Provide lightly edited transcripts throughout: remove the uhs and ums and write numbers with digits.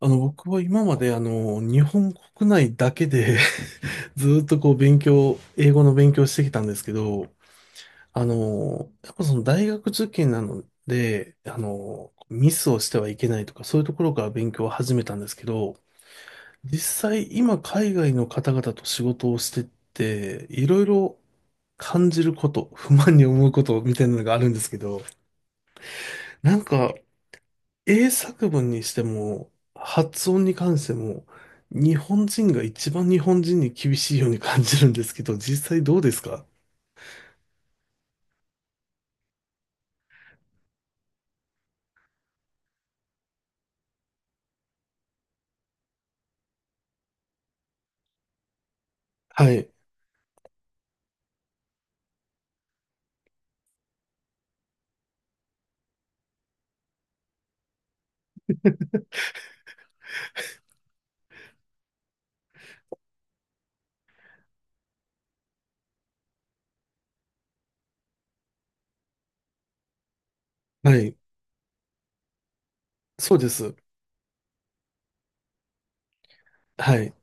僕は今まで日本国内だけで ずーっとこう英語の勉強してきたんですけど、やっぱその大学受験なので、ミスをしてはいけないとか、そういうところから勉強を始めたんですけど、実際今海外の方々と仕事をしてって、いろいろ感じること、不満に思うことみたいなのがあるんですけど、なんか英作文にしても、発音に関しても、日本人が一番日本人に厳しいように感じるんですけど、実際どうですか？はい。はい。そうです。はい。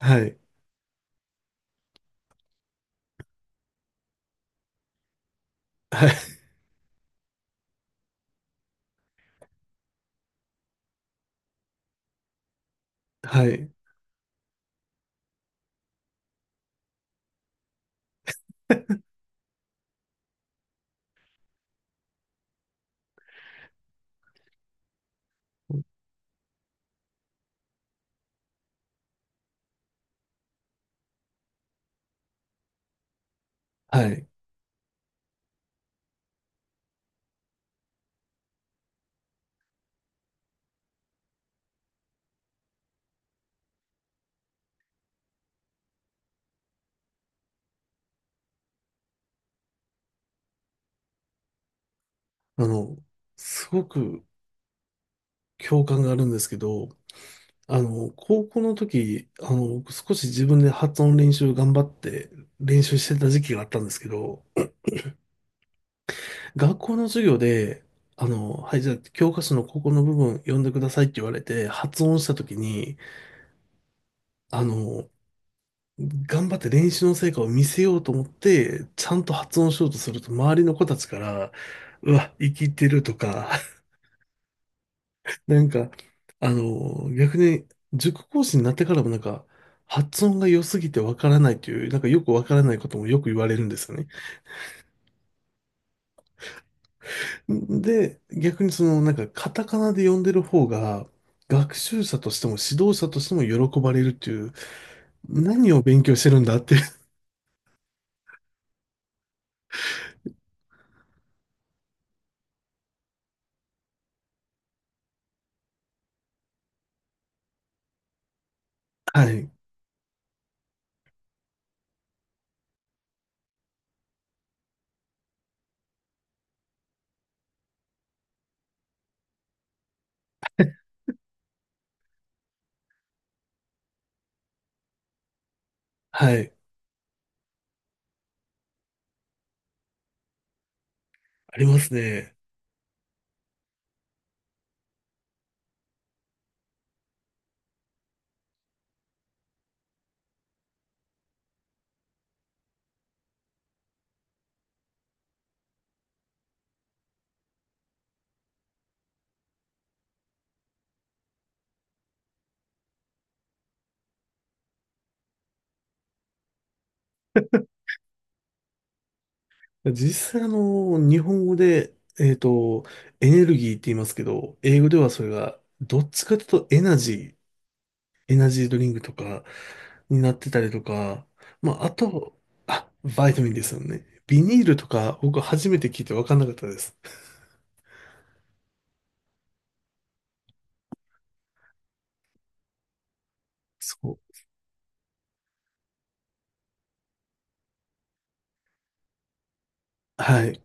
はい。はい。はい。はい。あの、すごく共感があるんですけど、高校の時、少し自分で発音練習頑張って練習してた時期があったんですけど、学校の授業で、はい、じゃあ、教科書のここの部分読んでくださいって言われて、発音したときに、あの、頑張って練習の成果を見せようと思って、ちゃんと発音しようとすると、周りの子たちから、うわ、生きてるとか、なんか、逆に、塾講師になってからもなんか、発音が良すぎてわからないという、なんかよくわからないこともよく言われるんですよね。で、逆にその、なんか、カタカナで読んでる方が、学習者としても指導者としても喜ばれるっていう、何を勉強してるんだっていう。はい。はい。ありますね。実際、日本語で、エネルギーって言いますけど、英語ではそれが、どっちかというとエナジー、エナジードリンクとかになってたりとか、まあ、あと、あ、バイタミンですよね。ビニールとか、僕初めて聞いて分かんなかったです。そう。はい。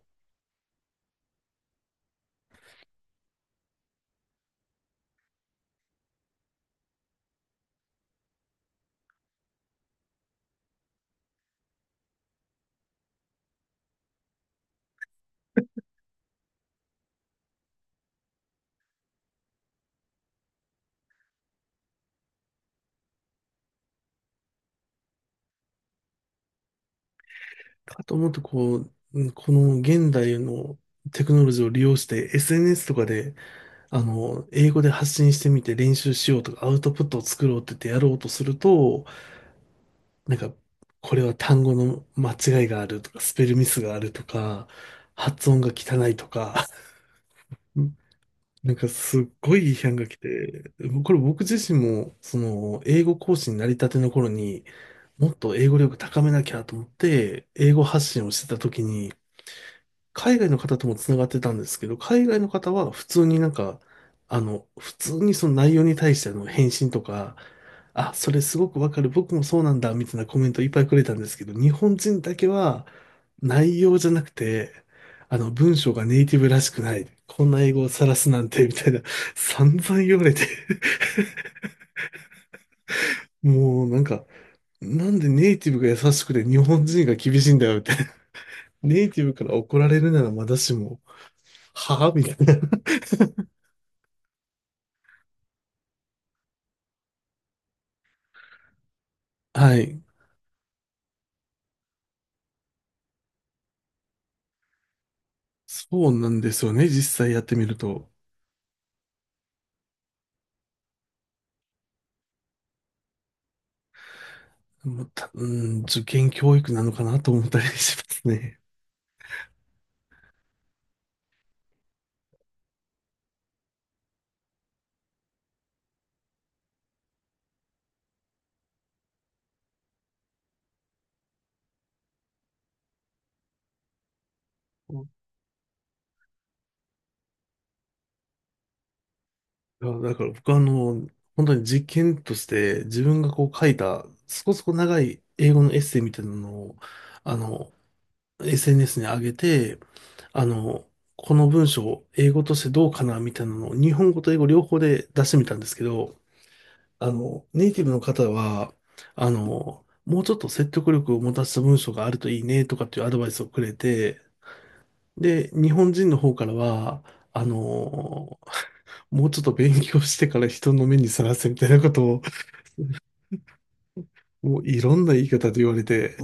かと思うと、こう、うんこの現代のテクノロジーを利用して SNS とかで、英語で発信してみて練習しようとか、アウトプットを作ろうって言ってやろうとすると、なんか、これは単語の間違いがあるとか、スペルミスがあるとか、発音が汚いとか、うんなんかすっごい批判が来て、これ僕自身も、その、英語講師になりたての頃に、もっと英語力高めなきゃと思って、英語発信をしてた時に、海外の方ともつながってたんですけど、海外の方は普通になんか、普通にその内容に対しての返信とか、あ、それすごくわかる、僕もそうなんだ、みたいなコメントいっぱいくれたんですけど、日本人だけは内容じゃなくて、文章がネイティブらしくない、こんな英語を晒すなんて、みたいな、散々言われて、もうなんか、なんでネイティブが優しくて日本人が厳しいんだよって、ネイティブから怒られるならまだしも、はぁみたいな。はい。そうなんですよね。実際やってみると。また、うん、受験教育なのかなと思ったりしますね。いやだから僕はあの、本当に実験として自分がこう書いた、そこそこ長い英語のエッセイみたいなのを、あの、SNS に上げて、あの、この文章を英語としてどうかなみたいなのを日本語と英語両方で出してみたんですけど、ネイティブの方は、もうちょっと説得力を持たせた文章があるといいねとかっていうアドバイスをくれて、で、日本人の方からは、あの、もうちょっと勉強してから人の目にさらせみたいなことを、もういろんな言い方で言われて、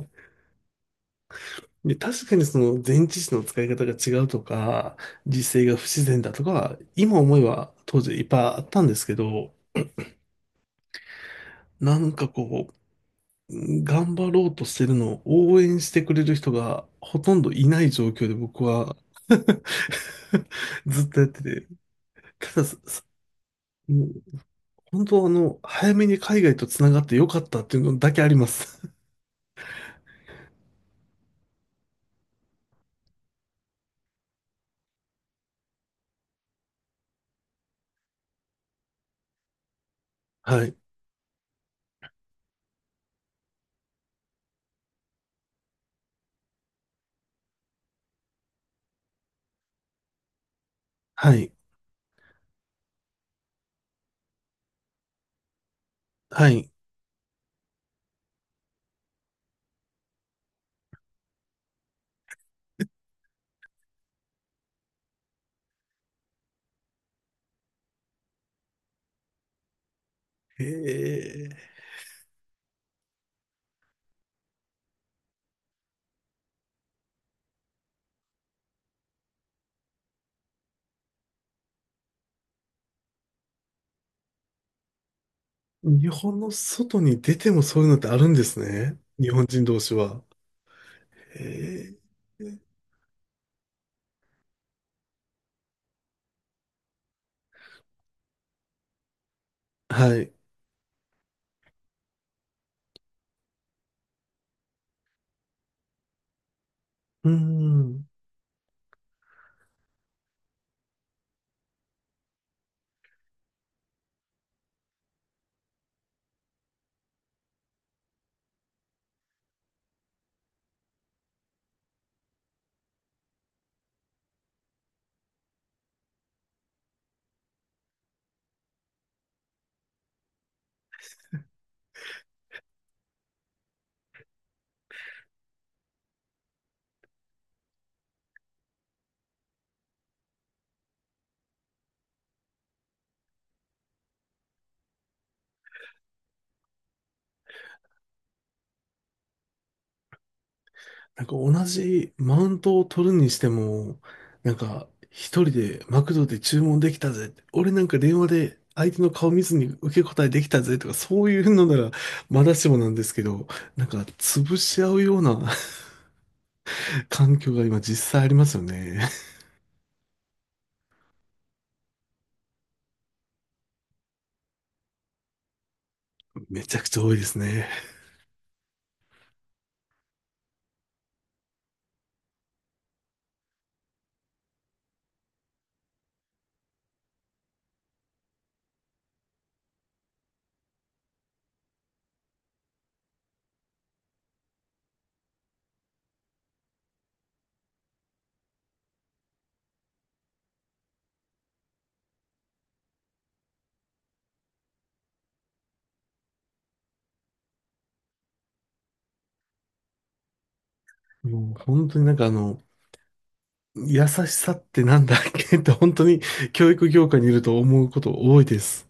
で、確かにその前置詞の使い方が違うとか、実勢が不自然だとか、今思えば当時いっぱいあったんですけど、なんかこう、頑張ろうとしてるのを応援してくれる人がほとんどいない状況で僕は ずっとやってて、ただ、ささもう本当あの、早めに海外とつながってよかったっていうのだけあります。はい。はい。はい。えー、日本の外に出てもそういうのってあるんですね。日本人同士は。えー、はい。うーん。なんか同じマウントを取るにしても、なんか一人でマクドで注文できたぜって、俺なんか電話で相手の顔見ずに受け答えできたぜとかそういうのならまだしもなんですけど、なんか潰し合うような 環境が今実際ありますよね。めちゃくちゃ多いですね。もう本当になんか優しさってなんだっけって本当に教育業界にいると思うこと多いです。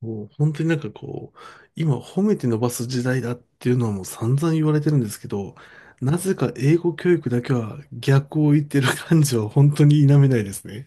もう本当になんかこう、今褒めて伸ばす時代だっていうのはもう散々言われてるんですけど、なぜか英語教育だけは逆を言ってる感じは本当に否めないですね。